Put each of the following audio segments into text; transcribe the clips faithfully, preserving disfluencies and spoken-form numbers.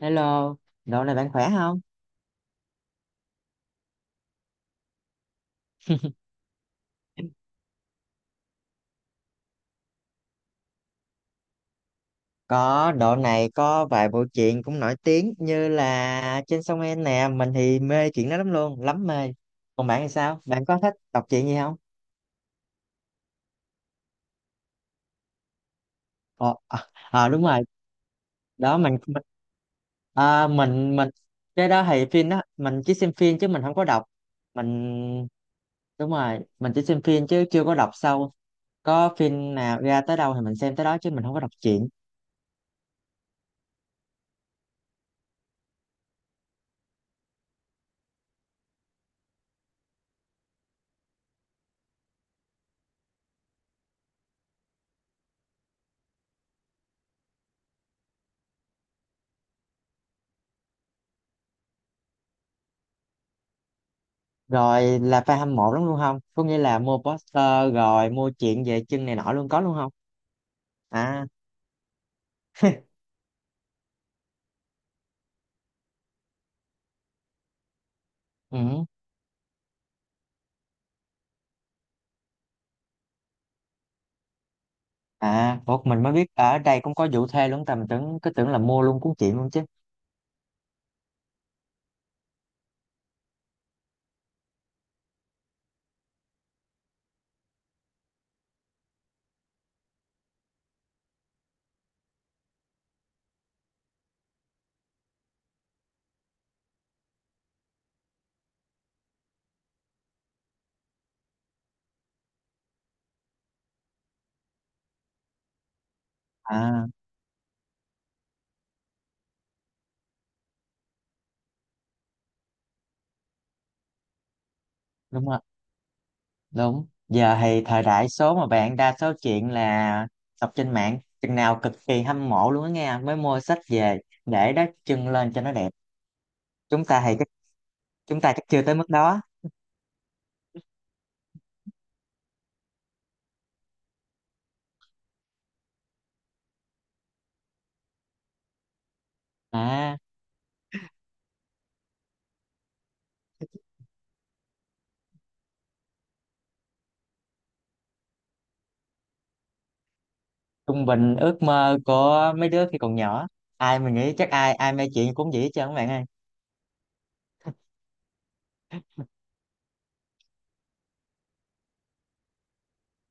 Hello, độ này bạn khỏe không? Có, độ này có vài bộ truyện cũng nổi tiếng như là Trên sông En nè, mình thì mê chuyện đó lắm luôn, lắm mê. Còn bạn thì sao? Bạn có thích đọc truyện gì không? Ờ, à, à, đúng rồi. Đó mình mình, à, mình mình cái đó thì phim đó, mình chỉ xem phim chứ mình không có đọc. Mình đúng rồi, mình chỉ xem phim chứ chưa có đọc sâu. Có phim nào ra tới đâu thì mình xem tới đó chứ mình không có đọc truyện. Rồi là fan hâm mộ lắm luôn không? Có nghĩa là mua poster rồi mua chuyện về chân này nọ luôn có luôn không? À, ừ. À, một mình mới biết ở đây cũng có vụ thuê luôn, tầm tưởng cứ tưởng là mua luôn cuốn chuyện luôn chứ. À, đúng rồi, đúng. Giờ thì thời đại số mà bạn, đa số chuyện là đọc trên mạng, chừng nào cực kỳ hâm mộ luôn á nghe, mới mua sách về để đắp chân lên cho nó đẹp. Chúng ta thì chắc chúng ta chắc chưa tới mức đó. À, trung bình ước mơ của mấy đứa khi còn nhỏ, ai mình nghĩ chắc ai ai mê chuyện cũng vậy hết trơn các bạn ơi.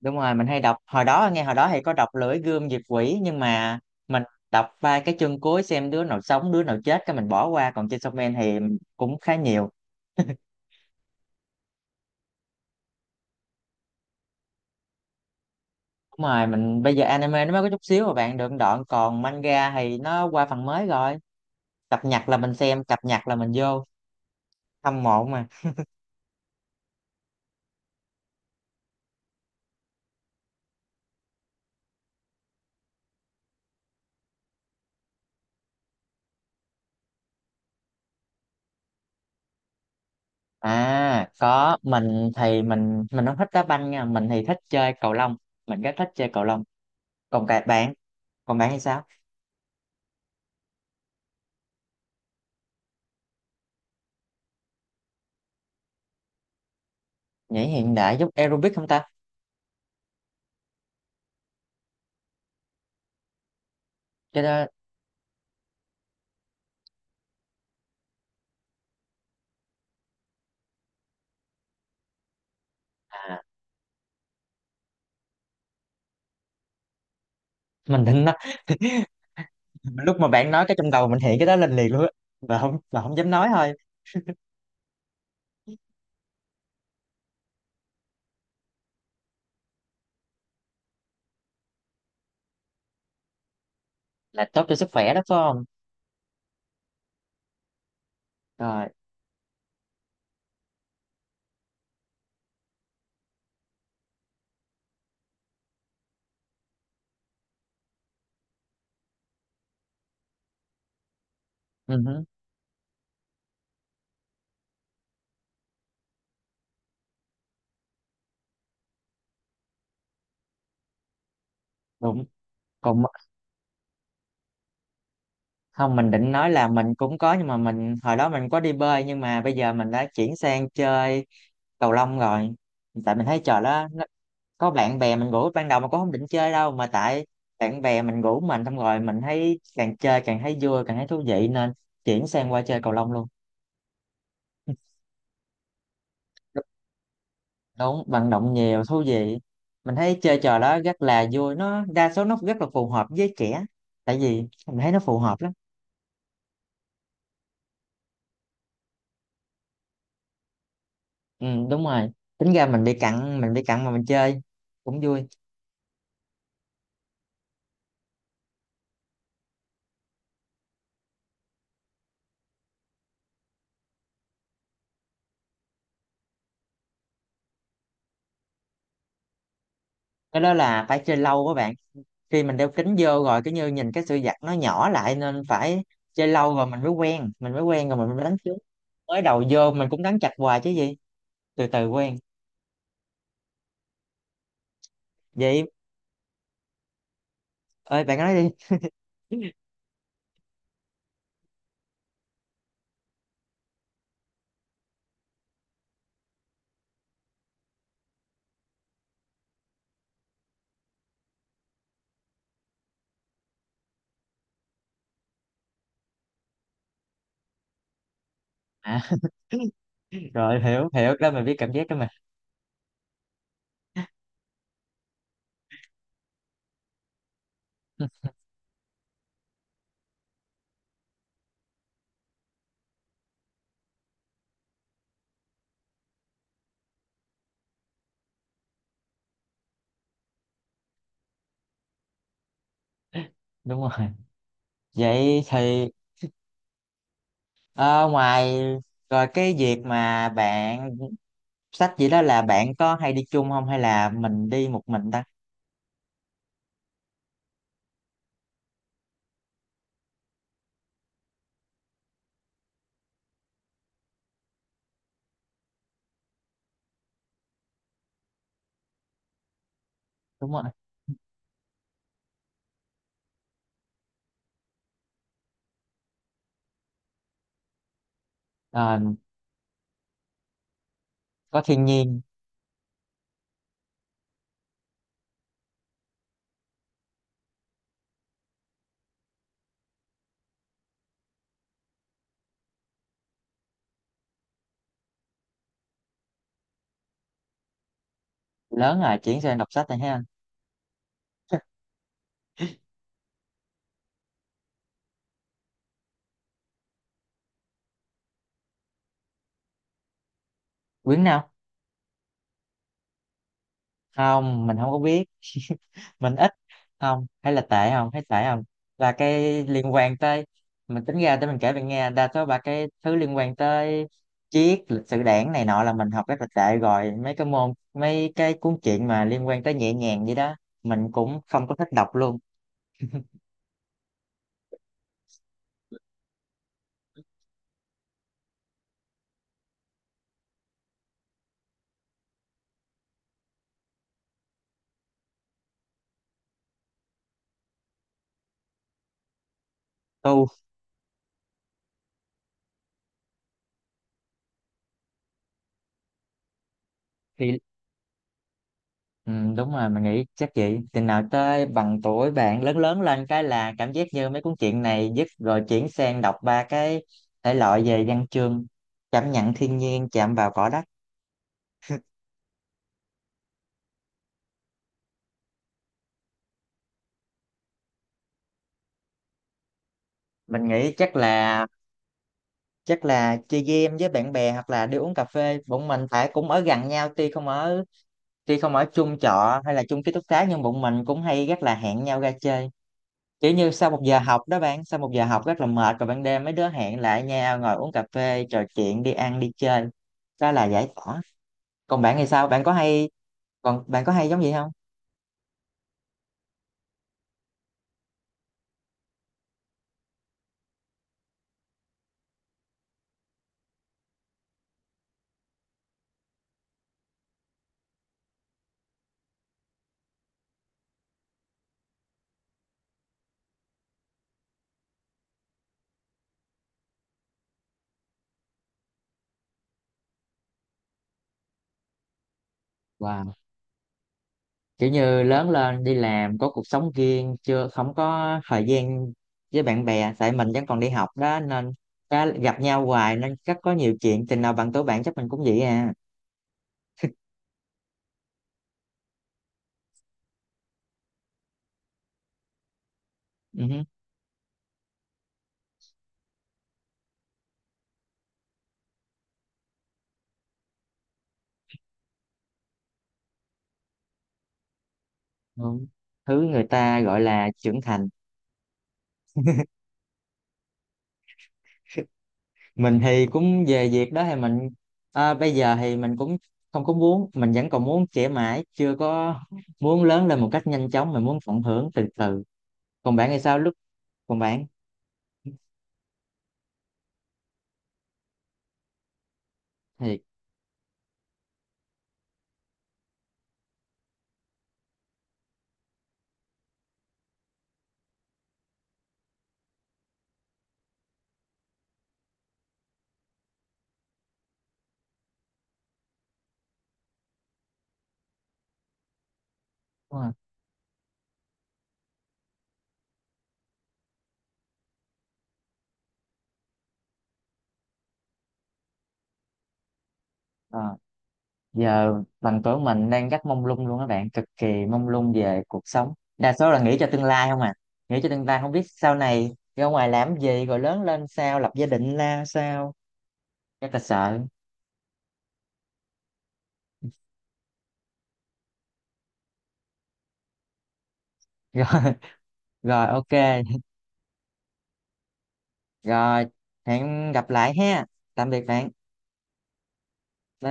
Đúng rồi, mình hay đọc, hồi đó nghe hồi đó hay có đọc Lưỡi Gươm Diệt Quỷ, nhưng mà mình đọc ba cái chương cuối xem đứa nào sống đứa nào chết cái mình bỏ qua, còn trên Shonen thì cũng khá nhiều. Đúng rồi, mình bây giờ anime nó mới có chút xíu mà bạn được đoạn, còn manga thì nó qua phần mới rồi. Cập nhật là mình xem, cập nhật là mình vô hâm mộ mà. À có, mình thì mình mình không thích đá banh nha, mình thì thích chơi cầu lông, mình rất thích chơi cầu lông. Còn cả bạn, còn bạn hay sao? Nhảy hiện đại giúp aerobic không ta? Cái đó à, mình định nói. Lúc mà bạn nói cái trong đầu mình hiện cái đó lên liền luôn á mà không, và không dám nói thôi. Là tốt cho sức khỏe đó phải không? Rồi, ừ hứ, đúng. Còn m- không, mình định nói là mình cũng có, nhưng mà mình hồi đó mình có đi bơi, nhưng mà bây giờ mình đã chuyển sang chơi cầu lông rồi. Tại mình thấy trò đó nó có bạn bè mình rủ ban đầu mà cũng không định chơi đâu, mà tại bạn bè mình rủ mình, xong rồi mình thấy càng chơi càng thấy vui càng thấy thú vị nên chuyển sang qua chơi cầu lông luôn. Đúng, vận động nhiều thú vị. Mình thấy chơi trò đó rất là vui, nó đa số nó rất là phù hợp với trẻ, tại vì mình thấy nó phù hợp lắm. Ừ, đúng rồi, tính ra mình bị cặn, mình bị cặn mà mình chơi cũng vui. Cái đó là phải chơi lâu các bạn, khi mình đeo kính vô rồi cứ như nhìn cái sự vật nó nhỏ lại, nên phải chơi lâu rồi mình mới quen, mình mới quen rồi mình mới đánh trúng. Mới đầu vô mình cũng đánh chạch hoài chứ gì, từ từ quen vậy. Ơi, bạn nói đi. À, rồi, hiểu, hiểu đó, mình biết cảm giác đó mà. Đúng rồi. Vậy thì ờ, ngoài rồi cái việc mà bạn sách gì đó, là bạn có hay đi chung không hay là mình đi một mình ta? Đúng rồi. Ờ, có thiên nhiên. Lớn rồi chuyển sang đọc sách này ha. Quyển nào? Không, mình không có biết. Mình ít, không hay là tệ, không hay tệ không là cái liên quan tới, mình tính ra để mình kể bạn nghe, đa số ba cái thứ liên quan tới triết, lịch sử đảng này nọ là mình học rất là tệ, rồi mấy cái môn, mấy cái cuốn truyện mà liên quan tới nhẹ nhàng vậy đó mình cũng không có thích đọc luôn. Tu thì ừ, đúng rồi, mình nghĩ chắc vậy, chừng nào tới bằng tuổi bạn lớn, lớn lên cái là cảm giác như mấy cuốn truyện này dứt rồi chuyển sang đọc ba cái thể loại về văn chương, cảm nhận thiên nhiên, chạm vào cỏ đất. Mình nghĩ chắc là, chắc là chơi game với bạn bè hoặc là đi uống cà phê. Bọn mình phải cũng ở gần nhau, tuy không ở, tuy không ở chung trọ hay là chung ký túc xá nhưng bọn mình cũng hay rất là hẹn nhau ra chơi. Kiểu như sau một giờ học đó bạn, sau một giờ học rất là mệt rồi, ban đêm mấy đứa hẹn lại nhau ngồi uống cà phê trò chuyện, đi ăn đi chơi, đó là giải tỏa. Còn bạn thì sao, bạn có hay, còn bạn có hay giống vậy không? Wow, kiểu như lớn lên đi làm có cuộc sống riêng chưa, không có thời gian với bạn bè. Tại mình vẫn còn đi học đó nên đã gặp nhau hoài, nên chắc có nhiều chuyện, tình nào bằng tuổi bạn chắc mình cũng vậy à. Ừ hứ. Ừ, thứ người ta gọi là trưởng thành. Mình thì cũng về việc đó thì mình, à, bây giờ thì mình cũng không có muốn, mình vẫn còn muốn trẻ mãi, chưa có muốn lớn lên một cách nhanh chóng, mình muốn tận hưởng từ từ. Còn bạn thì sao lúc, còn bạn thì đúng rồi. Ờ, giờ bằng tuổi mình đang rất mông lung luôn các bạn, cực kỳ mông lung về cuộc sống, đa số là nghĩ cho tương lai không à, nghĩ cho tương lai, không biết sau này ra ngoài làm gì, rồi lớn lên sao, lập gia đình ra sao, rất là sợ. Rồi, rồi ok. Rồi, hẹn gặp lại ha. Tạm biệt bạn. Bye bye.